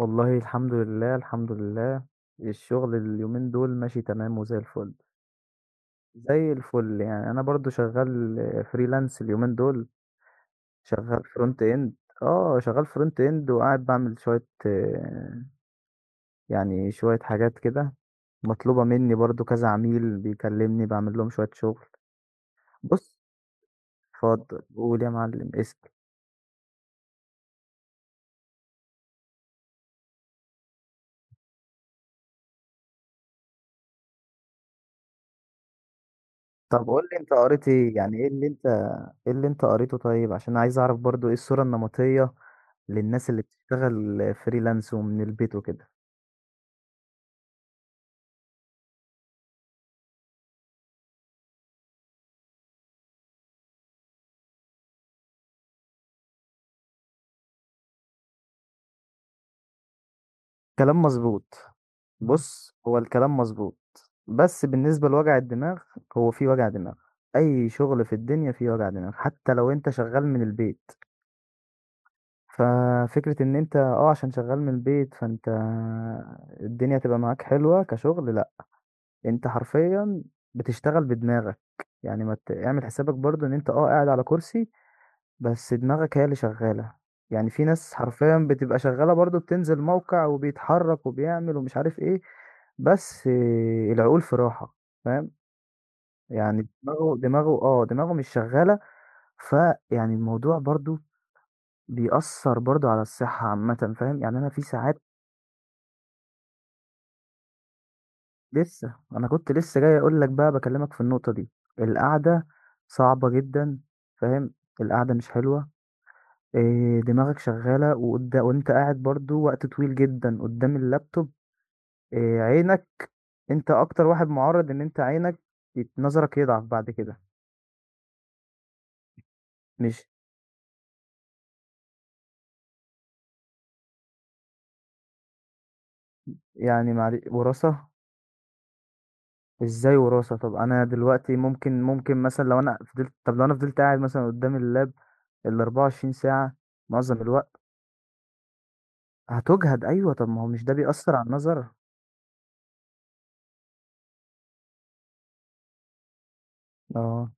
والله الحمد لله، الحمد لله. الشغل اليومين دول ماشي تمام وزي الفل، زي الفل يعني أنا برضه شغال freelance اليومين دول، شغال front end شغال front end وقاعد باعمل شوية يعني شوية حاجات كده، مطلوبة مني برضه كذا عميل بيكلمني باعمل لهم شوية شغل. بُص اتفضل، قُل يا معلم اسأل. طب قُل لي أنت قريت إيه؟ يعني إيه اللي أنت ايه اللي انت قريته، طيب عشان عايز اعرف برضو ايه الصورة النمطية للناس اللي بتشتغل فريلانس ومن البيت وكده. كلام مظبوط، بص هو الكلام مظبوط. بس بالنسبة لوجع الدماغ، هو في وجع دماغ. اي شغل في الدنيا فيه وجع دماغ حتى لو انت شغال من البيت. ففكرة ان انت عشان شغال من البيت فانت الدنيا تبقى معاك حلوة كشغل، لا، انت حرفيا بتشتغل بدماغك. يعني ما ت- اعمل حسابك برضو ان انت قاعد على كرسي بس دماغك هي اللي شغالة. يعني في ناس حرفيا بتبقى شغالة برضو، بتنزل موقع وبيتحرك وبيعمل ومش عارف ايه، بس آه، العقول في راحة. فاهم؟ يعني دماغه دماغه مش شغالة. فيعني الموضوع برضو بيأثر برضو على الصحة عامة. فاهم؟ يعني أنا في ساعات. لسه أنا كنت لسه جاي أقول لك بقى، بكلمك في النقطة دي، القعدة صعبة جدا. فاهم؟ القعدة مش حلوة. إيه، دماغك شغالة وقدام، وانت قاعد برضو وقت طويل جدا قدام اللابتوب. إيه، عينك، انت اكتر واحد معرض ان انت عينك نظرك يضعف بعد كده. مش، يعني معلش وراثة؟ ازاي وراثة؟ طب انا دلوقتي ممكن، ممكن مثلا لو انا فضلت، طب لو انا فضلت قاعد مثلا قدام اللاب ال 24 ساعة معظم الوقت. هتجهد، ايوه طب ما هو مش ده بيأثر على النظر؟ اه،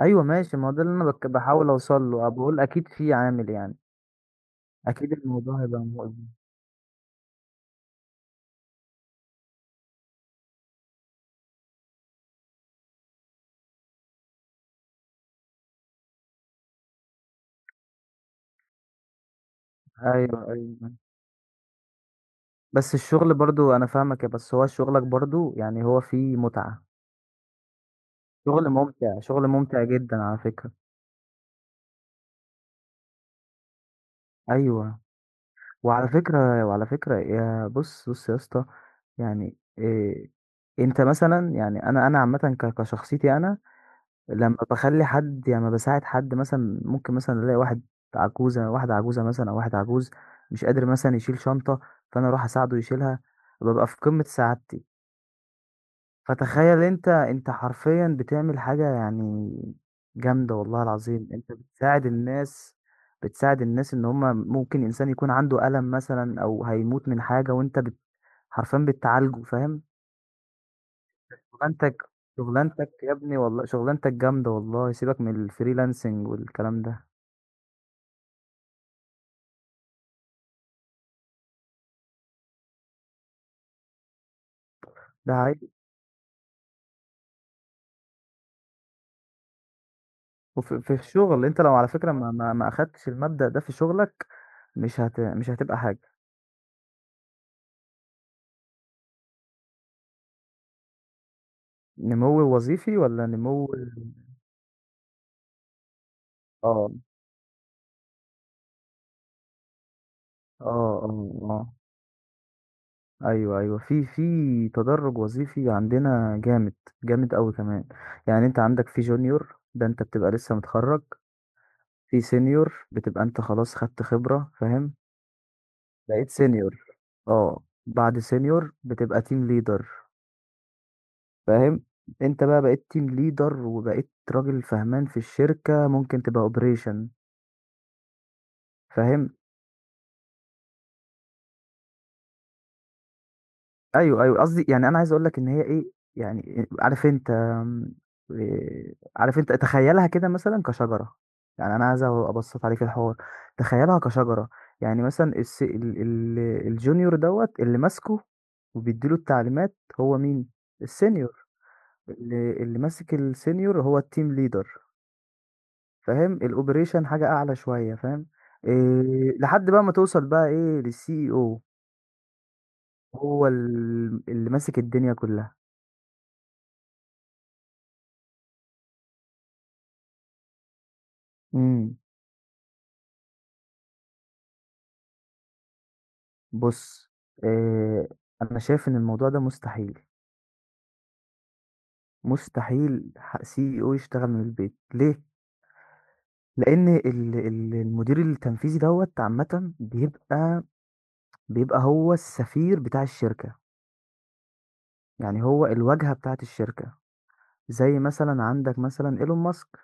ايوه ماشي، ما هو ده اللي انا بحاول اوصل له، بقول اكيد في عامل يعني، اكيد الموضوع هيبقى مؤذي. ايوه ايوه، بس الشغل برضو، انا فاهمك يا، بس هو شغلك برضو يعني هو فيه متعة، شغل ممتع، شغل ممتع جدا على فكرة. ايوه، وعلى فكرة وعلى فكرة يا، بص بص يا اسطى، يعني إيه، انت مثلا يعني انا عامة كشخصيتي انا، لما بخلي حد يعني لما بساعد حد مثلا، ممكن مثلا الاقي واحد عجوزة، واحدة عجوزة مثلا او واحد عجوز مش قادر مثلا يشيل شنطة، فانا اروح اساعده يشيلها، ببقى في قمة سعادتي. فتخيل أنت، أنت حرفيًا بتعمل حاجة يعني جامدة والله العظيم، أنت بتساعد الناس، بتساعد الناس إن هم ممكن إنسان يكون عنده ألم مثلًا أو هيموت من حاجة وأنت بت، حرفيًا بتعالجه، فاهم؟ شغلانتك، شغلانتك يا ابني والله شغلانتك جامدة والله، سيبك من الfreelancing والكلام ده، ده حقيقي. وفي في الشغل أنت لو على فكرة ما أخدتش المبدأ ده في شغلك مش هتبقى حاجة، نمو وظيفي والّا نمو؟ آه، آه، آه، آه. أيوه، أيوه، في في تدرُّج وظيفي عندنا جامد، جامد أوي كمان، يعني أنت عندك في junior، ده أنت بتبقى لسه متخرّج، في senior بتبقى أنت خلاص خدت خبرة، فاهم؟ بقيت senior، آه، بعد senior بتبقى team leader، فاهم؟ أنت بقى بقيت team leader وبقيت راجل فهمان في الشركة، ممكن تبقى operation، فاهم؟ أيوه، أيوه، قصدي يعني أنا عايز أقول لك إن هي إيه، يعني عارف أنت آمم، عارف أنت تخيّلها كده مثلًا كشجرة، يعني أنا عايز أبسّط عليك الحوار، تخيّلها كشجرة، يعني مثلًا الس ال ال الjunior دوّة، اللي ماسكه وبيدّي له التعليمات هو مين؟ الsenior. اللي ماسك الsenior هو الteam leader، فاهم؟ الoperation حاجة أعلى شوية، فاهم؟ لحد بقى ما توصل بقى إيه للCEO، هو اللي ماسك الدنيا كلّها. إمم. بُص، آآ، أنا شايف إن الموضوع ده مستحيل، مستحيل ح CEO يشتغل من البيت، ليه؟ لإن ال المدير التنفيذي دوّة عامةً بيبقى، بيبقى هو السفير بتاع الشركة، يعني هو الواجهة بتاعة الشركة، زي مثلًا عندك مثلًا إيلون ماسك،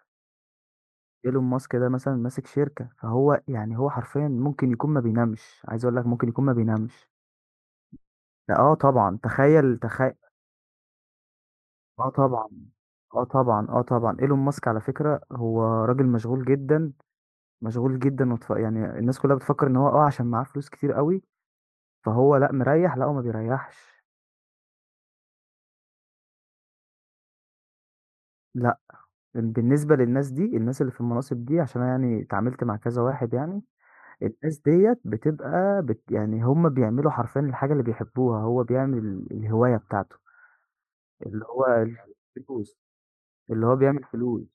إيلون ماسك ده مثلًا ماسك شركة، فهو يعني هو حرفيًا ممكن يكون ما بينامش، عايز أقول لك ممكن يكون ما بينامش، آه طبعًا تخيّل آه طبعًا. اه طبعا، اه طبعا، ايلون ماسك على فكرة هو راجل مشغول جدا، مشغول جدا يعني الناس كلها بتفكر ان هو عشان معاه فلوس كتير قوي، فهو لا مريح، لا هو ما بيريحش. لا بالنسبة للناس دي، الناس اللي في المناصب دي، عشان أنا يعني اتعاملت مع كذا واحد يعني، الناس ديت بتبقى يعني هم بيعملوا حرفيا الحاجة اللي بيحبوها، هو بيعمل الهواية بتاعته اللي هو الفلوس، اللي هو بيعمل فلوس.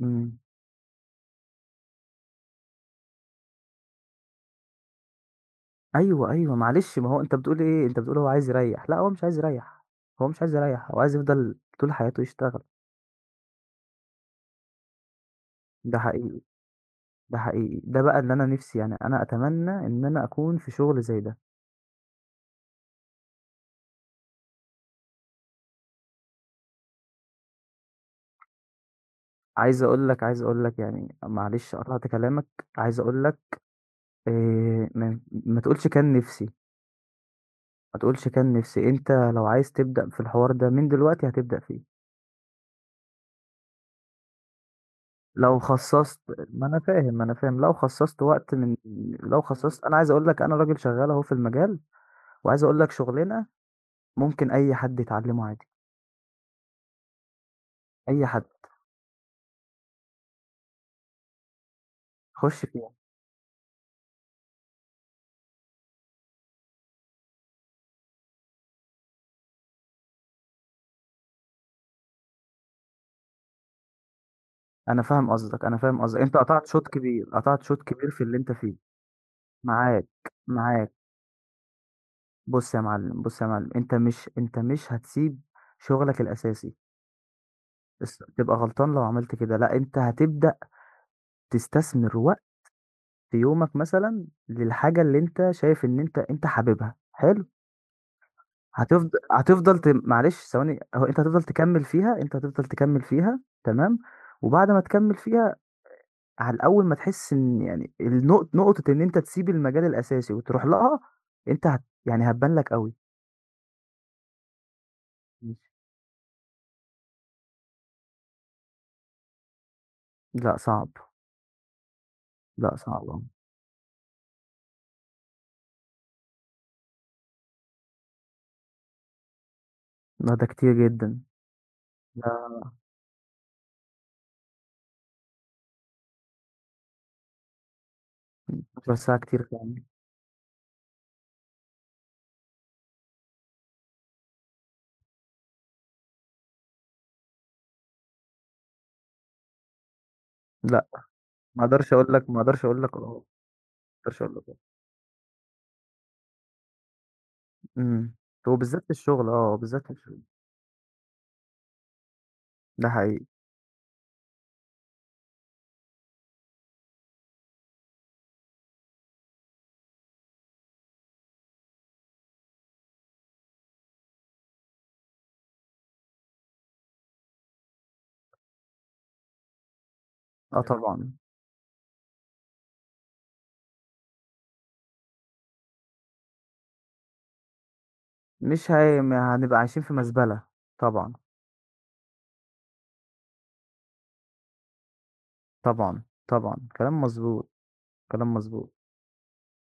مم. أيوه، أيوه، معلش ما هو أنت بتقول إيه، أنت بتقول هو عايز يريّح، لأ هو مش عايز يريّح، هو مش عايز يريّح، هو عايز يفضل طول حياته يشتغل، ده حقيقي، ده حقيقي، ده بقى اللي أنا نِفْسي، يعني أنا أتمنى إن أنا أكون في شغل زي ده، عايز أقول لك، عايز أقول لك يعني معلش قطعت كلامك، عايز أقول لك آآ، ما تقولش كان نِفْسي، ما تقولش كان نِفْسي، أنت لو عايز تبدأ في الحوار ده من دلوقتي هتبدأ فيه، لو خصّصت، ما أنا فاهم، ما أنا فاهم، لو خصّصت وقت من، لو خصّصت، أنا عايز أقول لك أنا راجل شغّال أهو في المجال، وعايز أقول لك شغلانة ممكن أي حد يتعلمه عادي، أي حد، خُش فيها. أنا فاهم قصدك، أنا فاهم قصدك، أنت قطعت شوط كبير، قطعت شوط كبير في اللي أنت فيه، معاك، معاك، بُص يا معلم، بُص يا معلم، أنت مش هتسيب شغلك الأساسي، بس تبقى غلطان لو عملت كده، لأ أنت هتبدأ تستثمر وقت يومك مثلًا للحاجة اللي أنت شايف إن أنت حاببها، حلو، هتفض هتفضل ت معلش ثواني، هو أنت هتفضل تكمّل فيها، أنت هتفضل تكمّل فيها تمام، وبعد ما تكمّل فيها، على أول ما تحس إن يعني نقطة إن أنت تسيب المجال الأساسي وتروح لها، أنت هت يعني هتبان لك أوي. لأ صعب، لأ صعب أوي، لأ ده كتير جدًا، ده 12 ساعة كتير فعلًا، لأ ما أقدرش أقول لك آه، ما أقدرش أقول لك آه، إمم، وبالذات في الشغل آه، بالذات في الشغل، ده حقيقي، آه طبعًا، مش هي، ما هنبقى عايشين في مزبلة، طبعًا، طبعًا، طبعًا، كلام مضبوط، كلام مضبوط.